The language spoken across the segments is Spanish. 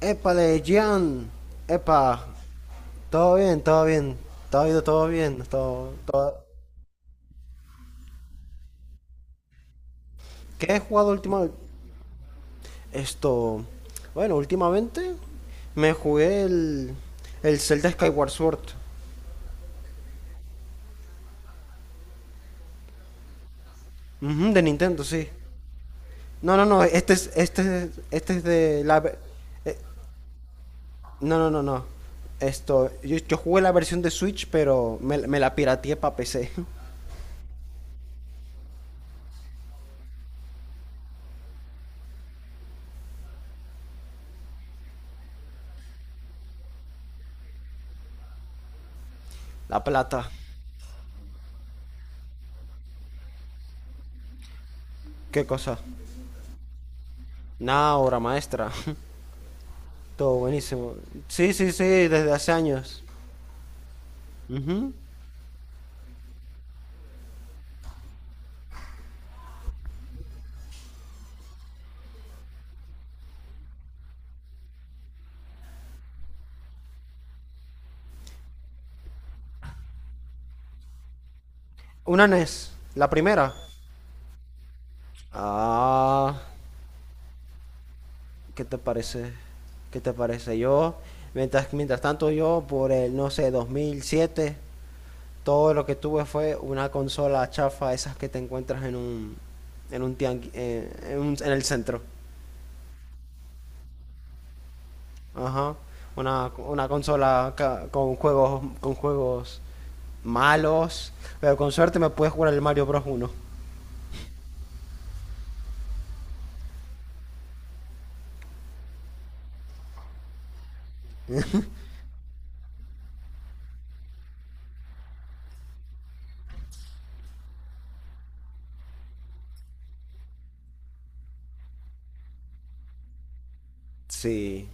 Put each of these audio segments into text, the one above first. Épale, Gian. Epa. Todo bien, todo bien. Todo ha ido todo bien. ¿Qué he jugado últimamente? Esto. Bueno, últimamente me jugué el. El Zelda Skyward Sword. Ujú, de Nintendo, sí. No, no, no. Este es de la. Ve- eh, no, no, no, no. Esto. Yo jugué la versión de Switch, pero me la pirateé para PC. La plata. ¿Qué cosa? Nada, obra maestra. Todo buenísimo. Sí, sí, sí, desde hace años. Ujú. Una NES, la primera. Ah, ¿qué te parece? ¿Qué te parece? Yo, mientras tanto yo, por el, no sé, 2007, todo lo que tuve fue una consola chafa, esas que te encuentras en un, en un en, en el centro. Ajá. Una consola con juegos malos, pero con suerte me puedes jugar el Mario Bros. 1. Sí.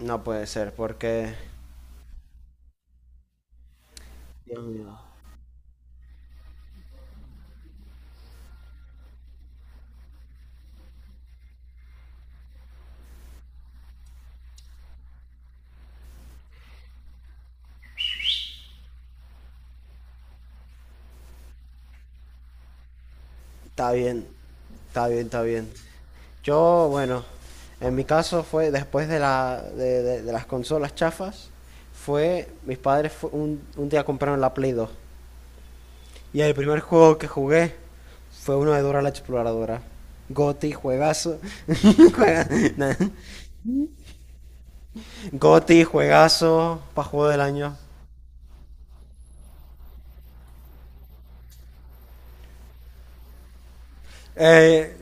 No puede ser, porque Dios mío. Está bien, está bien, está bien. Yo, bueno, en mi caso fue después de, de las consolas chafas, fue, mis padres un día compraron la Play 2. Y el primer juego que jugué fue uno de Dora la Exploradora. Goti, juegazo. Juega- na- Goti, juegazo, para juego del año. Eh,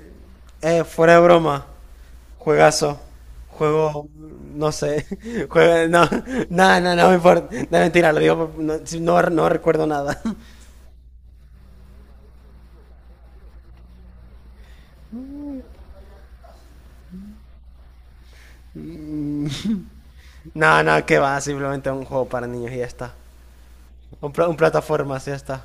fuera de broma, juegazo, juego, no sé, no, no, no, no me importa, no mentira, lo digo, no, no, no recuerdo nada, no, no, que va, simplemente un juego para niños y ya está, un, un plataformas y ya está.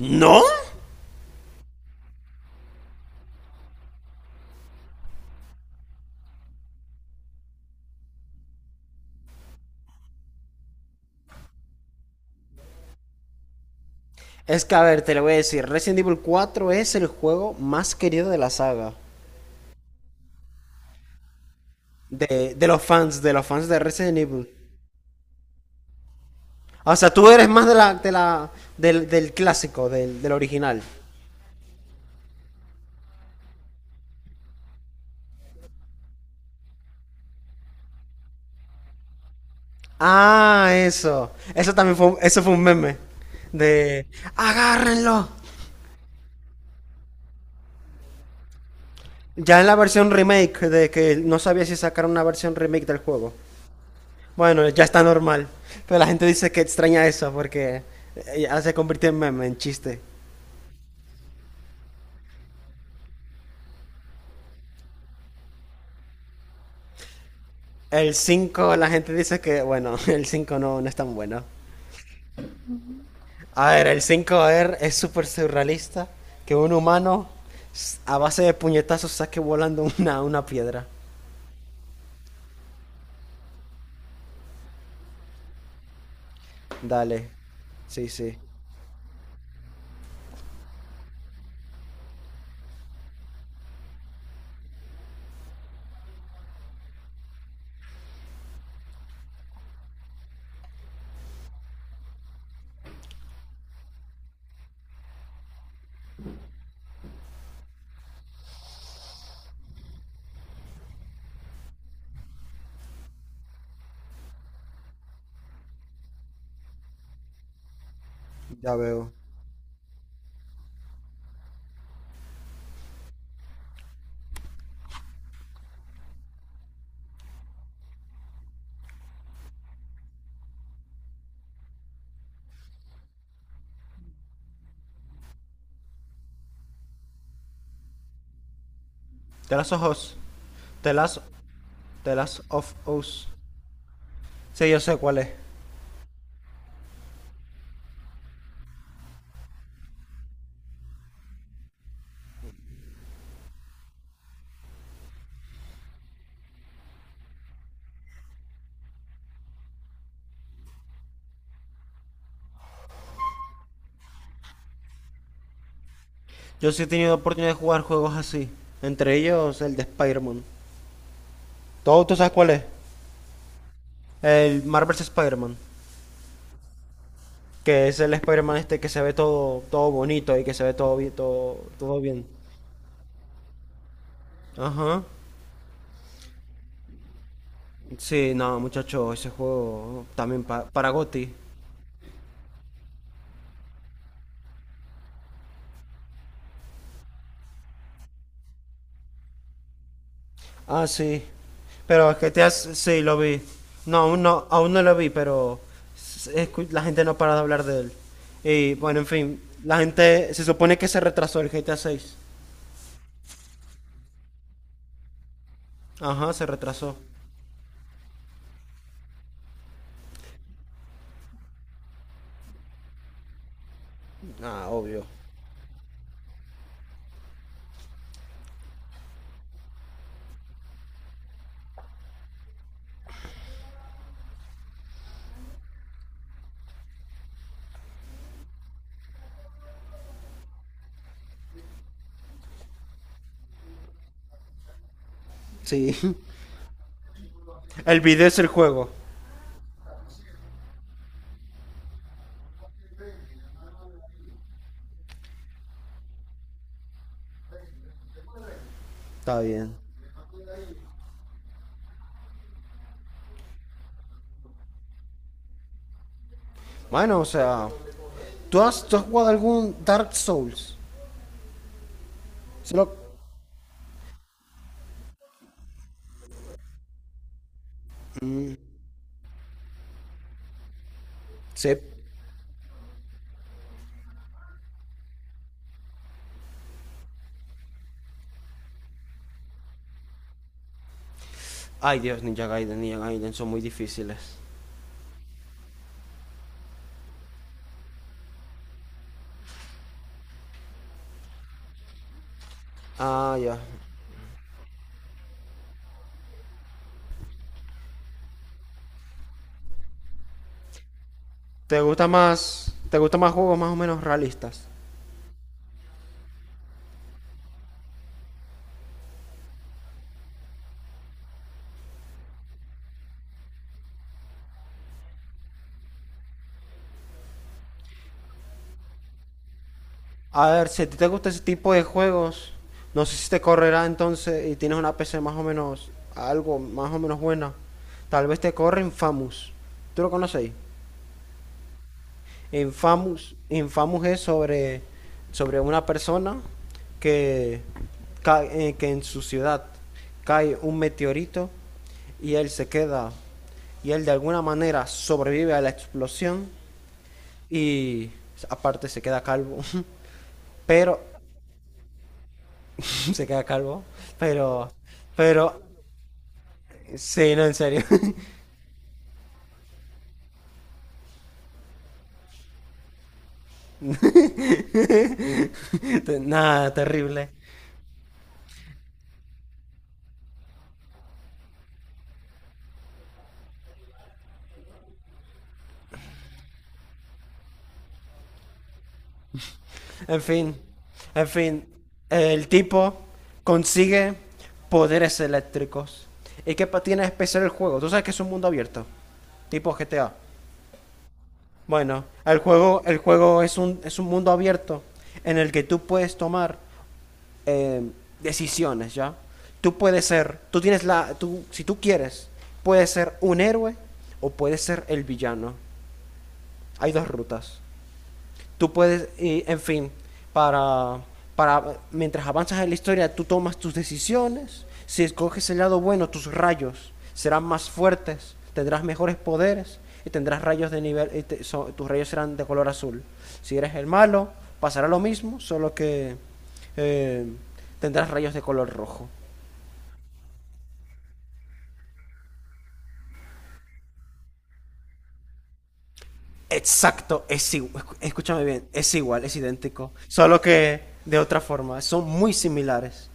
¿No? Es que, a ver, te lo voy a decir, Resident Evil 4 es el juego más querido de la saga, de los fans, de los fans de Resident Evil. O sea, tú eres más de del, del clásico, del, del original. Ah, eso. Eso también fue, eso fue un meme. De, agárrenlo. Ya en la versión remake, de que no sabía si sacar una versión remake del juego. Bueno, ya está normal. Pero la gente dice que extraña eso porque ya se convirtió en meme, en chiste. El 5, la gente dice que, bueno, el 5 no, no es tan bueno. A ver, el 5 a es súper surrealista que un humano a base de puñetazos saque volando una piedra. Dale. Sí, sí. Ya veo. The Last of Us. The Last, The Last of Us. Sí, yo sé cuál es. Yo sí he tenido oportunidad de jugar juegos así. Entre ellos el de Spider-Man. ¿Todo tú sabes cuál es? El Marvel's Spider-Man. Que es el Spider-Man este que se ve todo, todo bonito y que se ve todo bien, todo, todo bien. Ajá. Sí, no, muchacho, ese juego también para Gotti. Ah, sí. Pero es que te has... Sí, lo vi. No, aún no, aún no lo vi, pero la gente no para de hablar de él. Y bueno, en fin, la gente se supone que se retrasó el GTA 6. Ajá, se retrasó. Ah, obvio. Sí. El video es el juego. Está bien. Bueno, o sea, tú has jugado algún Dark Souls? Solo... Sí. Ay, Dios, Ninja Gaiden son muy difíciles. Ah, ya. Te gusta más juegos más o menos realistas? A ver, si a ti te gusta ese tipo de juegos, no sé si te correrá entonces y tienes una PC más o menos, algo más o menos buena. Tal vez te corre Infamous. ¿Tú lo conocéis? Infamous, Infamous es sobre, sobre una persona que, que en su ciudad cae un meteorito y él se queda y él de alguna manera sobrevive a la explosión y aparte se queda calvo. Pero se queda calvo. Pero, pero, sí, no, en serio. Nada, terrible. En fin, en fin, el tipo consigue poderes eléctricos. ¿Y qué tiene de especial el juego? Tú sabes que es un mundo abierto, tipo GTA. Bueno, el juego es un mundo abierto en el que tú puedes tomar eh, decisiones, ¿ya? Tú tienes la, tú, si tú quieres, puedes ser un héroe o puedes ser el villano. Hay dos rutas. Tú puedes, en fin, para, para mientras avanzas en la historia, tú tomas tus decisiones. Si escoges el lado bueno, tus rayos serán más fuertes, tendrás mejores poderes y tendrás rayos de nivel, y tus rayos serán de color azul. Si eres el malo, pasará lo mismo, solo que eh, tendrás rayos de color rojo. Exacto, es igual, escúchame bien, es igual, es idéntico, solo que de otra forma, son muy similares.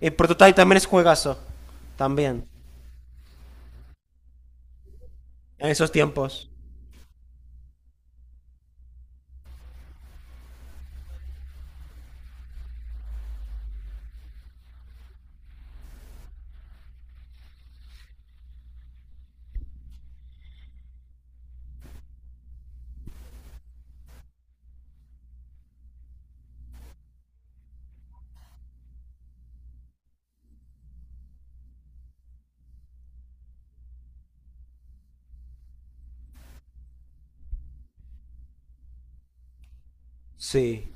Y Prototype también es juegazo. También. En esos tiempos. Sí.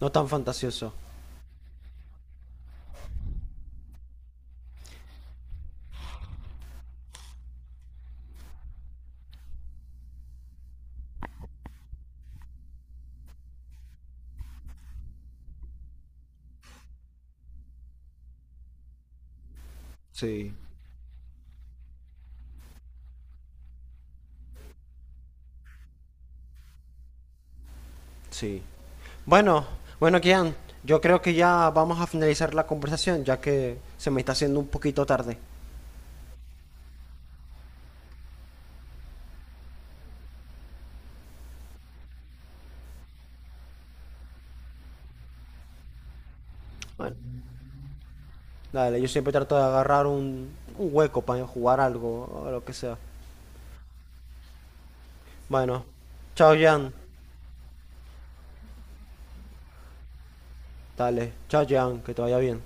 No tan fantasioso. Sí. Sí. Bueno, bueno, Kian. Yo creo que ya vamos a finalizar la conversación, ya que se me está haciendo un poquito tarde. Bueno, dale, yo siempre trato de agarrar un hueco para jugar algo o lo que sea. Bueno, chao, Jan. Dale, chao, Jan, que te vaya bien.